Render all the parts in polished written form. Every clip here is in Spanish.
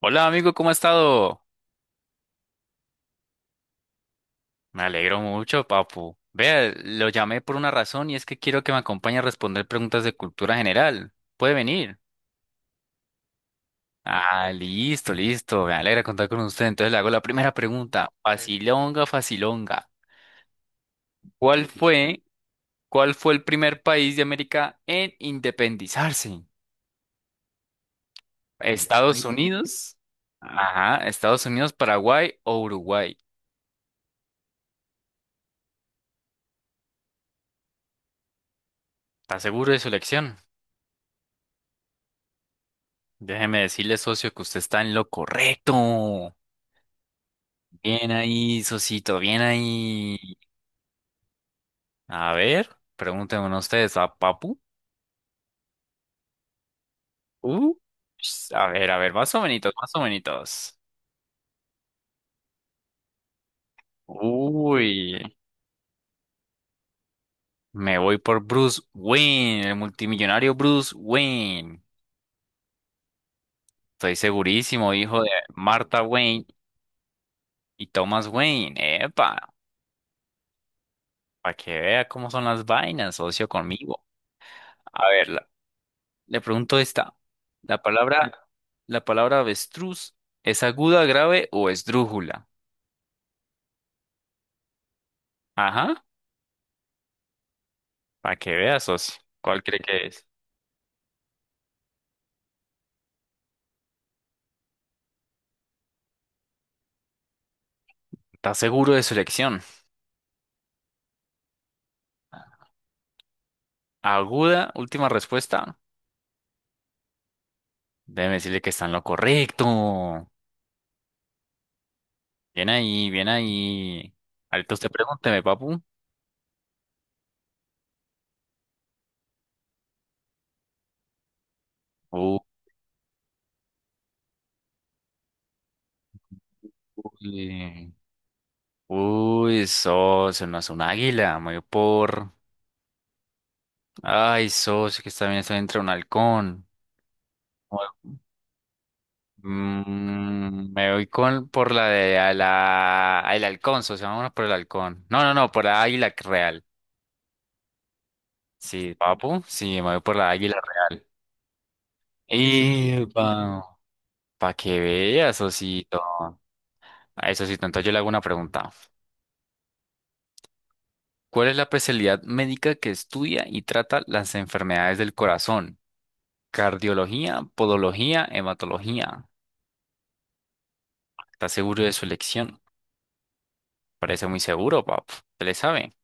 Hola amigo, ¿cómo ha estado? Me alegro mucho, papu. Vea, lo llamé por una razón y es que quiero que me acompañe a responder preguntas de cultura general. ¿Puede venir? Ah, listo, listo. Me alegra contar con usted. Entonces le hago la primera pregunta. Facilonga, facilonga. ¿Cuál fue, cuál fue el primer país de América en independizarse? ¿Estados Unidos? Ajá, Estados Unidos, Paraguay o Uruguay. ¿Está seguro de su elección? Déjeme decirle, socio, que usted está en lo correcto. Bien ahí, Sosito, bien ahí. A ver, pregúntenme ustedes a Papu. Uh, a ver, a ver, más o menos, más o menos. Uy, me voy por Bruce Wayne, el multimillonario Bruce Wayne. Estoy segurísimo, hijo de Martha Wayne y Thomas Wayne. Epa, para que vea cómo son las vainas, socio conmigo. A ver, le pregunto esta. La palabra, la palabra avestruz, ¿es aguda, grave o esdrújula? Ajá, para que veas, socio. ¿Cuál cree que es? ¿Estás seguro de su elección? Aguda, última respuesta. Déjeme decirle que está en lo correcto. Bien ahí, bien ahí. Ahorita usted pregúnteme, papu. Uy, uy, socio, no es un águila, me voy por. Ay, socio, que está bien, está entre un halcón. Me voy con por la de a la, el halcón, socio, vámonos por el halcón. No, no, no, por la águila real. Sí, papu, sí, me voy por la águila real. Y para que veas, Osito. A eso sí, entonces yo le hago una pregunta. ¿Cuál es la especialidad médica que estudia y trata las enfermedades del corazón? Cardiología, podología, hematología. ¿Estás seguro de su elección? Parece muy seguro, papu. ¿Se le sabe?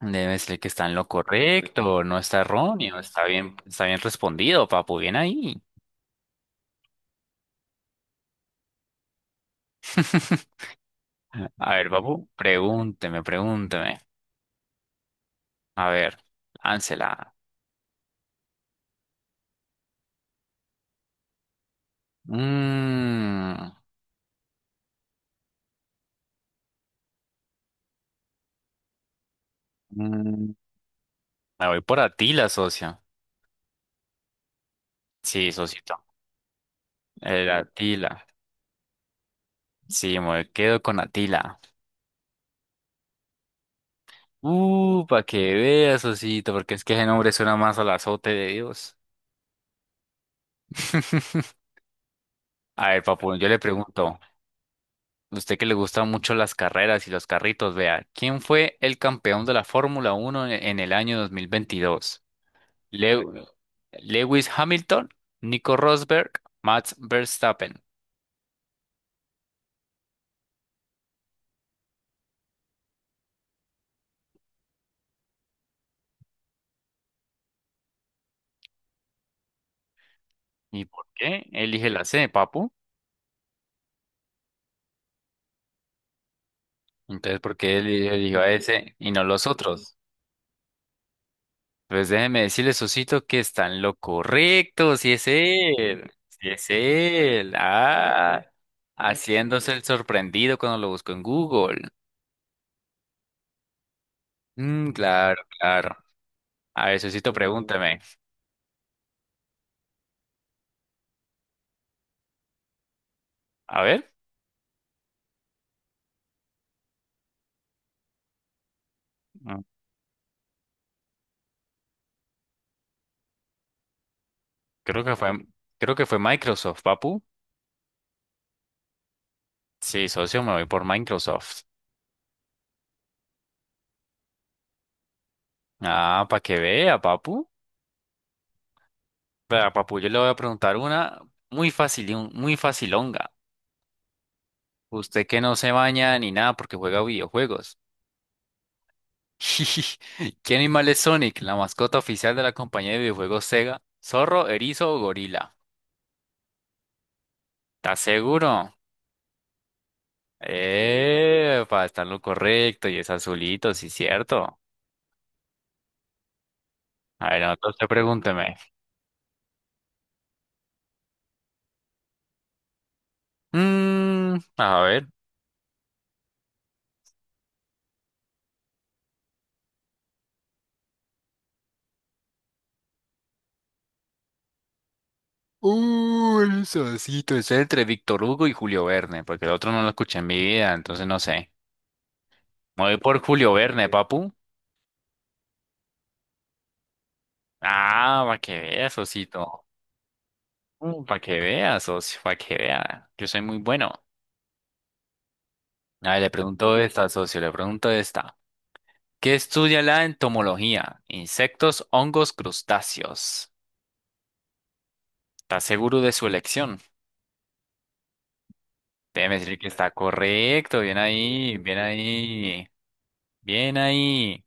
Debe ser que está en lo correcto, no está erróneo, está bien respondido, papu, bien ahí. A ver, papu, pregúnteme, pregúnteme. A ver, láncela. Mm, mm, Me voy por Atila, socio. Sí, socito. El Atila. Sí, me quedo con Atila. Para que veas, socito, porque es que ese nombre suena más al azote de Dios. A ver, papu, yo le pregunto, usted que le gustan mucho las carreras y los carritos, vea, ¿quién fue el campeón de la Fórmula Uno en el año 2022? Le- Lewis Hamilton, Nico Rosberg, Max Verstappen. ¿Y por qué elige la C, papu? Entonces, ¿por qué él eligió a ese y no los otros? Pues déjeme decirle, Sosito, que está en lo correcto, si es él, si es él, ah, haciéndose el sorprendido cuando lo busco en Google. Mm, claro, claro. A ver, Sosito, pregúntame. A ver, mm, creo que fue, creo que fue Microsoft, papu. Sí, socio, me voy por Microsoft. Ah, para que vea, papu. Vea, papu, yo le voy a preguntar una muy fácil, y muy facilonga. Usted que no se baña ni nada porque juega videojuegos. ¿Qué animal es Sonic, la mascota oficial de la compañía de videojuegos Sega? ¿Zorro, erizo o gorila? ¿Estás seguro? Epa, está en lo correcto y es azulito, sí, cierto. A ver, entonces pregúnteme. A ver. Uy, el sosito, es entre Víctor Hugo y Julio Verne, porque el otro no lo escuché en mi vida, entonces no sé. Me voy por Julio Verne, papu. Ah, para que veas, socito. Para que veas, socio, para que vea. Yo soy muy bueno. A ver, le pregunto esta, socio, le pregunto esta. ¿Qué estudia la entomología? Insectos, hongos, crustáceos. ¿Estás seguro de su elección? Déjeme decir que está correcto. Bien ahí, bien ahí, bien ahí.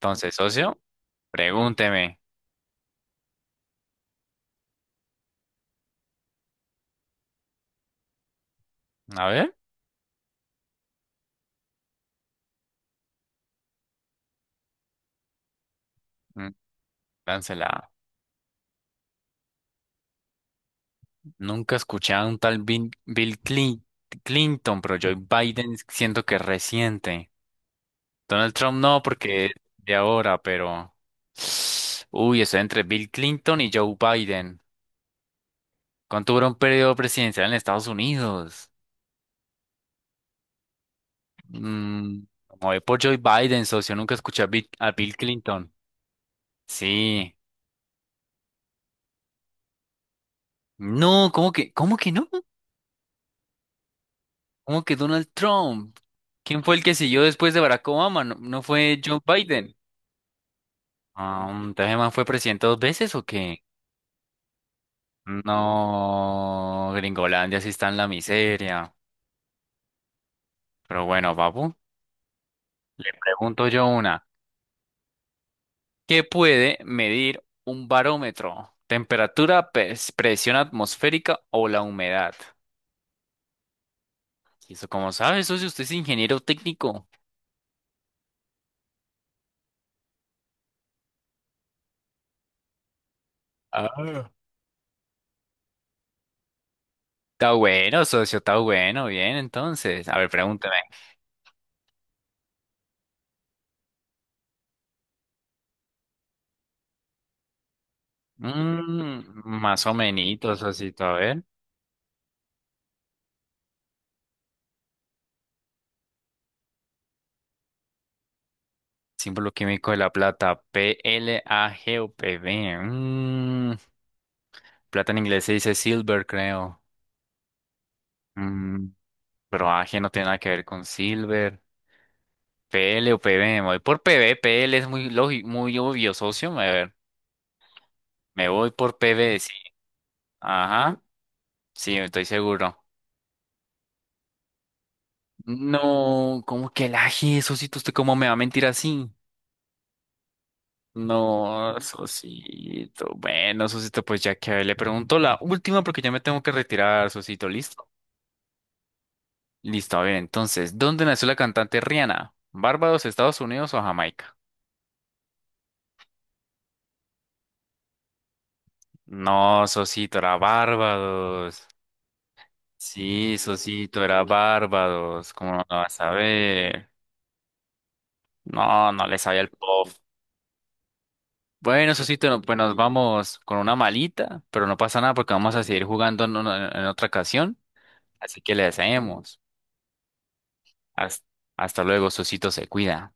Entonces, socio, pregúnteme. A ver, mm, láncela. Nunca he escuchado a un tal Bill Clinton, pero Joe Biden siento que es reciente. Donald Trump no, porque es de ahora, pero. Uy, estoy entre Bill Clinton y Joe Biden. ¿Cuánto dura un periodo presidencial en Estados Unidos? Mm, Como voy por Joe Biden, socio, nunca escuché a a Bill Clinton. Sí. No, cómo que no? ¿Cómo que Donald Trump? ¿Quién fue el que siguió después de Barack Obama? ¿No, no fue Joe Biden? Ah, entonces, el man, ¿fue presidente dos veces o qué? No, Gringolandia sí está en la miseria. Pero bueno, papu, le pregunto yo una. ¿Qué puede medir un barómetro? ¿Temperatura, presión atmosférica o la humedad? Y eso, como sabe socio, usted es ingeniero técnico. Ah. Está bueno, socio, está bueno. Bien, entonces. A ver, pregúnteme. Mm, Más o menos, socio, a ver. Símbolo químico de la plata, PL A G O PLAGUPV. Plata en inglés se dice silver, creo. Mm, pero AG no tiene nada que ver con silver. P L o P PV, me voy por P V. PL es muy lógico, muy obvio, socio. A ver, me voy por P PV, sí. Ajá, sí, estoy seguro. No, ¿cómo que el AG, socito? ¿Usted cómo me va a mentir así? No, socito. Bueno, socito, pues ya que le pregunto la última porque ya me tengo que retirar, socito. ¿Listo? Listo, a ver, entonces, ¿dónde nació la cantante Rihanna? ¿Barbados, Estados Unidos o Jamaica? No, Sosito, era Barbados. Sí, Sosito, era Barbados. ¿Cómo no lo vas a ver? No, no le sabía el pop. Bueno, Sosito, pues nos vamos con una malita, pero no pasa nada porque vamos a seguir jugando en, en otra ocasión. Así que le deseamos. Hasta, hasta luego, Sosito, se cuida.